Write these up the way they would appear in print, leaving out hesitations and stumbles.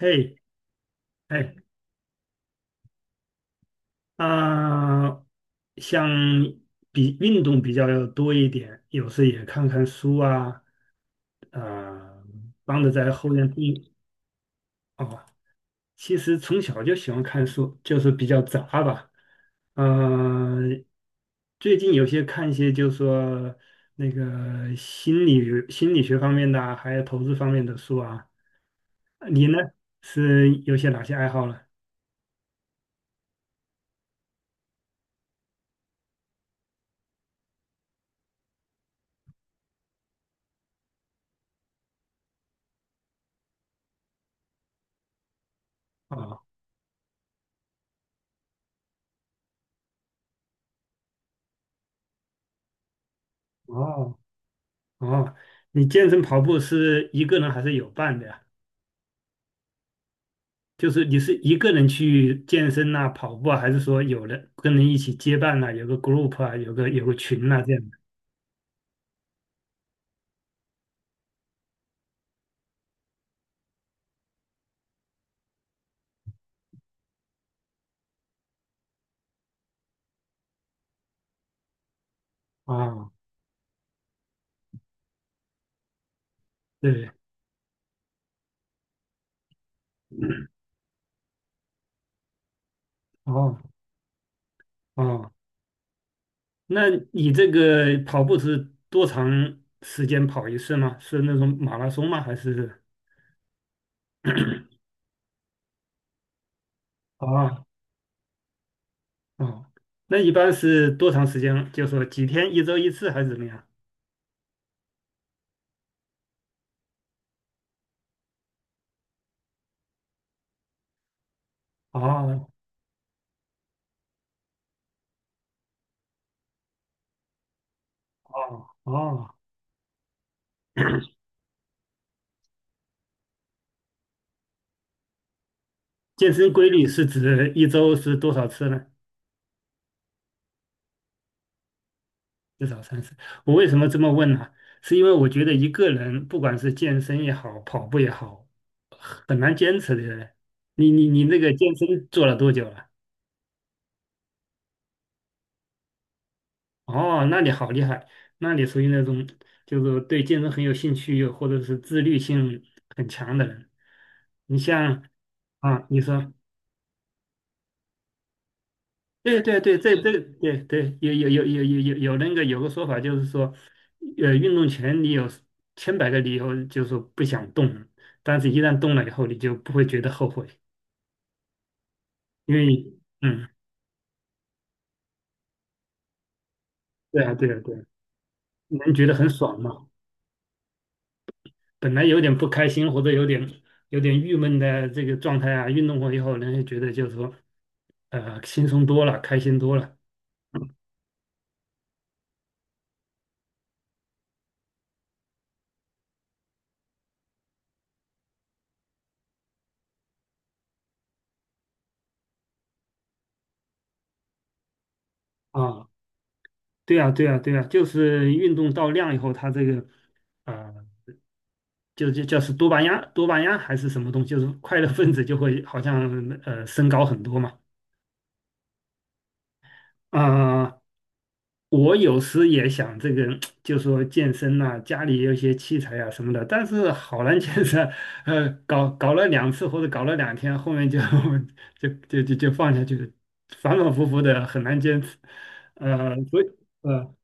嘿，哎，啊、像比运动比较多一点，有时也看看书啊，呃，帮着在后院种。哦，其实从小就喜欢看书，就是比较杂吧。嗯、呃最近有些看一些，就是说那个心理学方面的啊，还有投资方面的书啊。你呢，是有些哪些爱好呢？啊，哦，哦，你健身跑步是一个人还是有伴的呀？就是你是一个人去健身呐、跑步啊，还是说有人跟人一起结伴呐、有个 group 啊，有个群呐、这样的？啊，对，哦哦，那你这个跑步是多长时间跑一次吗？是那种马拉松吗？还是啊哦，那一般是多长时间？就说几天，一周一次还是怎么样？哦哦哦健身规律是指一周是多少次呢？至少三次。我为什么这么问呢？是因为我觉得一个人不管是健身也好，跑步也好，很难坚持的。你那个健身做了多久了？哦，那你好厉害，那你属于那种就是对健身很有兴趣，或者是自律性很强的人。你像啊，你说对对对，这这对对有有有有有有有那个有个说法就是说，运动前你有千百个理由就是说不想动，但是一旦动了以后，你就不会觉得后悔，因为嗯，对啊对啊对啊，能觉得很爽嘛。本来有点不开心或者有点有点郁闷的这个状态啊，运动过以后，人家觉得就是说轻松多了，开心多了啊。对啊对啊对啊，就是运动到量以后，它这个。啊、就是多巴胺还是什么东西，就是快乐分子就会好像升高很多嘛。啊、我有时也想这个，就说健身呐、家里也有一些器材啊什么的，但是好难坚持。呃，搞了两次或者搞了两天，后面就 就放下去了，反反复复的很难坚持。呃，所以呃，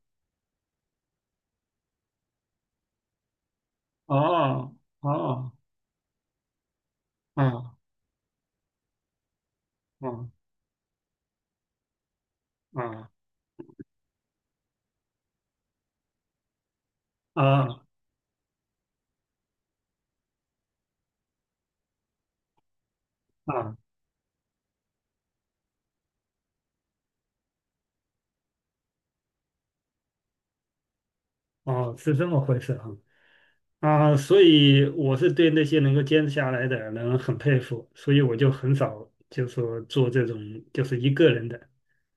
哦哦啊啊啊啊啊哦，是这么回事啊。啊，所以我是对那些能够坚持下来的人很佩服，所以我就很少就说做这种就是一个人的。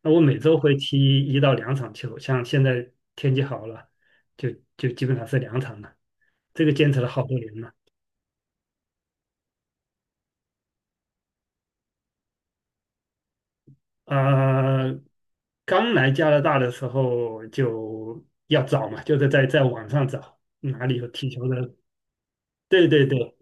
那我每周会踢一到两场球，像现在天气好了，就就基本上是两场了。这个坚持了好多年了。啊，刚来加拿大的时候就要找嘛，就是在网上找哪里有踢球的。对对对，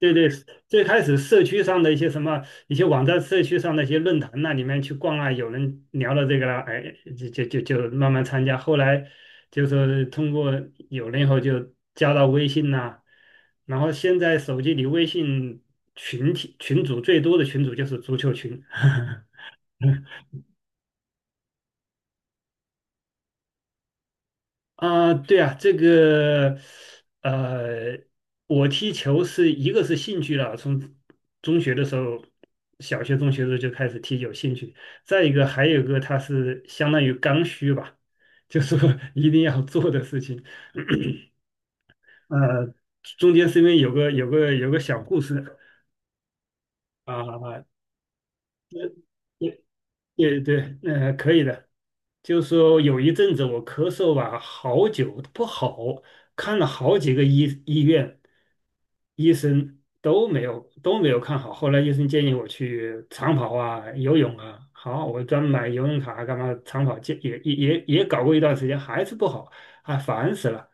对对，最开始社区上的一些什么一些网站、社区上的一些论坛那里面去逛啊，有人聊了这个了，哎，就慢慢参加。后来就是通过有了以后就加到微信呐、然后现在手机里微信群体群组最多的群组就是足球群，啊，对啊，这个，呃，我踢球是一个是兴趣了，从中学的时候，小学、中学的时候就开始踢，有兴趣。再一个，还有一个，它是相当于刚需吧，就是说 一定要做的事情。呃，中间是因为有个小故事啊，对对对，可以的。就说有一阵子我咳嗽吧，好久不好，看了好几个医院，医生都没有看好。后来医生建议我去长跑啊、游泳啊。好，我专门买游泳卡干嘛？长跑健也搞过一段时间，还是不好，啊，烦死了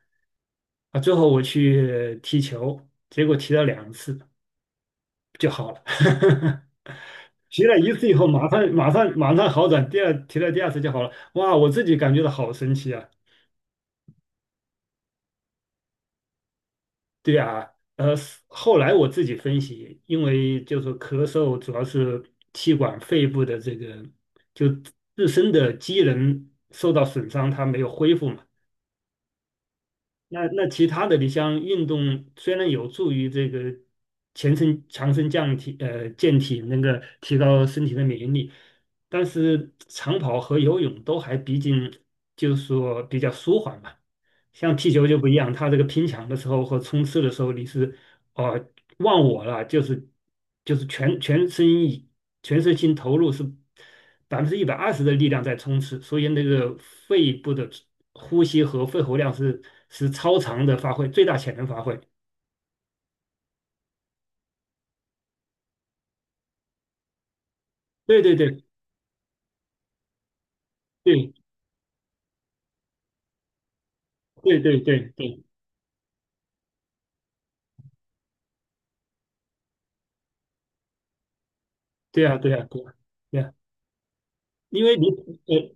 啊！最后我去踢球，结果踢了两次就好了。提了一次以后，马上好转，第二踢了第二次就好了。哇，我自己感觉到好神奇啊！对啊，呃，后来我自己分析，因为就是咳嗽主要是气管肺部的这个就自身的机能受到损伤，它没有恢复嘛。那那其他的，你像运动，虽然有助于这个全身强身降体，健体，那个提高身体的免疫力，但是长跑和游泳都还毕竟就是说比较舒缓嘛。像踢球就不一样，它这个拼抢的时候和冲刺的时候，你是哦，忘我了，就是就是全全身以全身心投入是120%的力量在冲刺，所以那个肺部的呼吸和肺活量是是超常的发挥，最大潜能发挥。对对对对对对对对对啊对啊对啊对啊，因为你呃。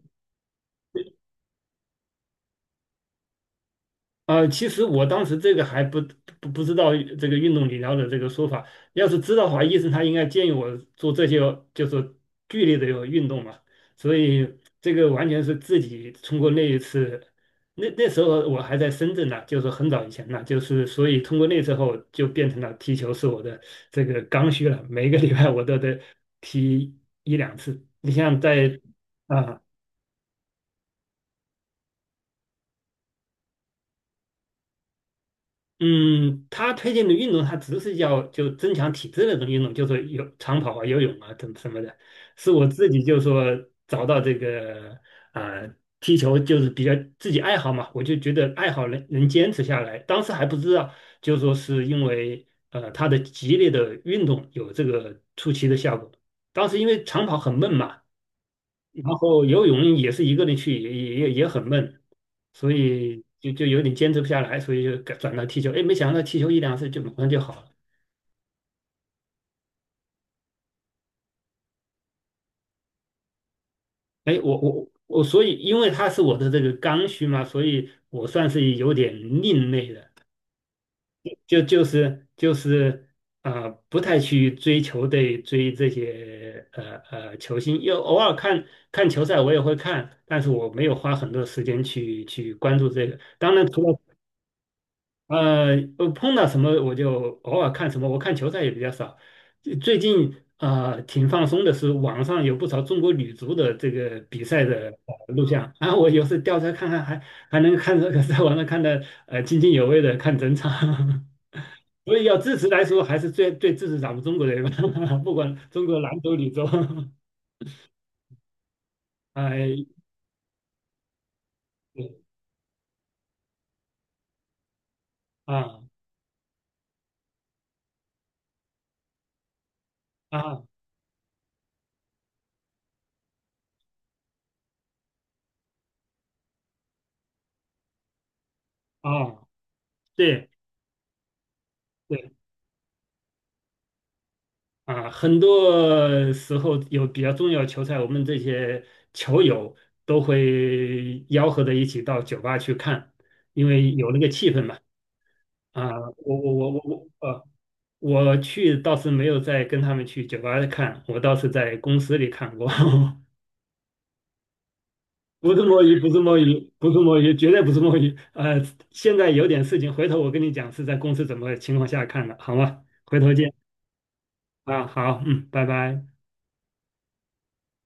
其实我当时这个还不知道这个运动理疗的这个说法。要是知道的话，医生他应该建议我做这些就是剧烈的运动嘛。所以这个完全是自己通过那一次，那那时候我还在深圳呢，就是很早以前呢，就是所以通过那时候就变成了踢球是我的这个刚需了，每个礼拜我都得踢一两次。你像在啊。嗯，他推荐的运动，他只是要就增强体质那种运动，就是有长跑啊、游泳啊等什么的。是我自己就说找到这个啊、踢球就是比较自己爱好嘛，我就觉得爱好能能坚持下来。当时还不知道，就说是因为他的激烈的运动有这个出奇的效果。当时因为长跑很闷嘛，然后游泳也是一个人去，也很闷，所以就有点坚持不下来，所以就改转到踢球。哎，没想到踢球一两次就马上就好了。哎，我，所以因为他是我的这个刚需嘛，所以我算是有点另类的，就是不太去追求对追这些球星，又偶尔看看球赛我也会看，但是我没有花很多时间去去关注这个。当然，除了碰到什么我就偶尔看什么，我看球赛也比较少。最近挺放松的是，网上有不少中国女足的这个比赛的录像，然后我有时调出来看看还，还能看这个 在网上看的津津有味的看整场。所以要支持来说，还是最支持咱们中国人吧，不管中国男足、女足，哎，对啊啊啊，对。对啊，很多时候有比较重要的球赛，我们这些球友都会吆喝着一起到酒吧去看，因为有那个气氛嘛。啊，我，我去倒是没有再跟他们去酒吧看，我倒是在公司里看过。不是摸鱼，不是摸鱼，不是摸鱼，绝对不是摸鱼。呃，现在有点事情，回头我跟你讲是在公司怎么情况下看的，好吗？回头见啊，好，嗯，拜拜。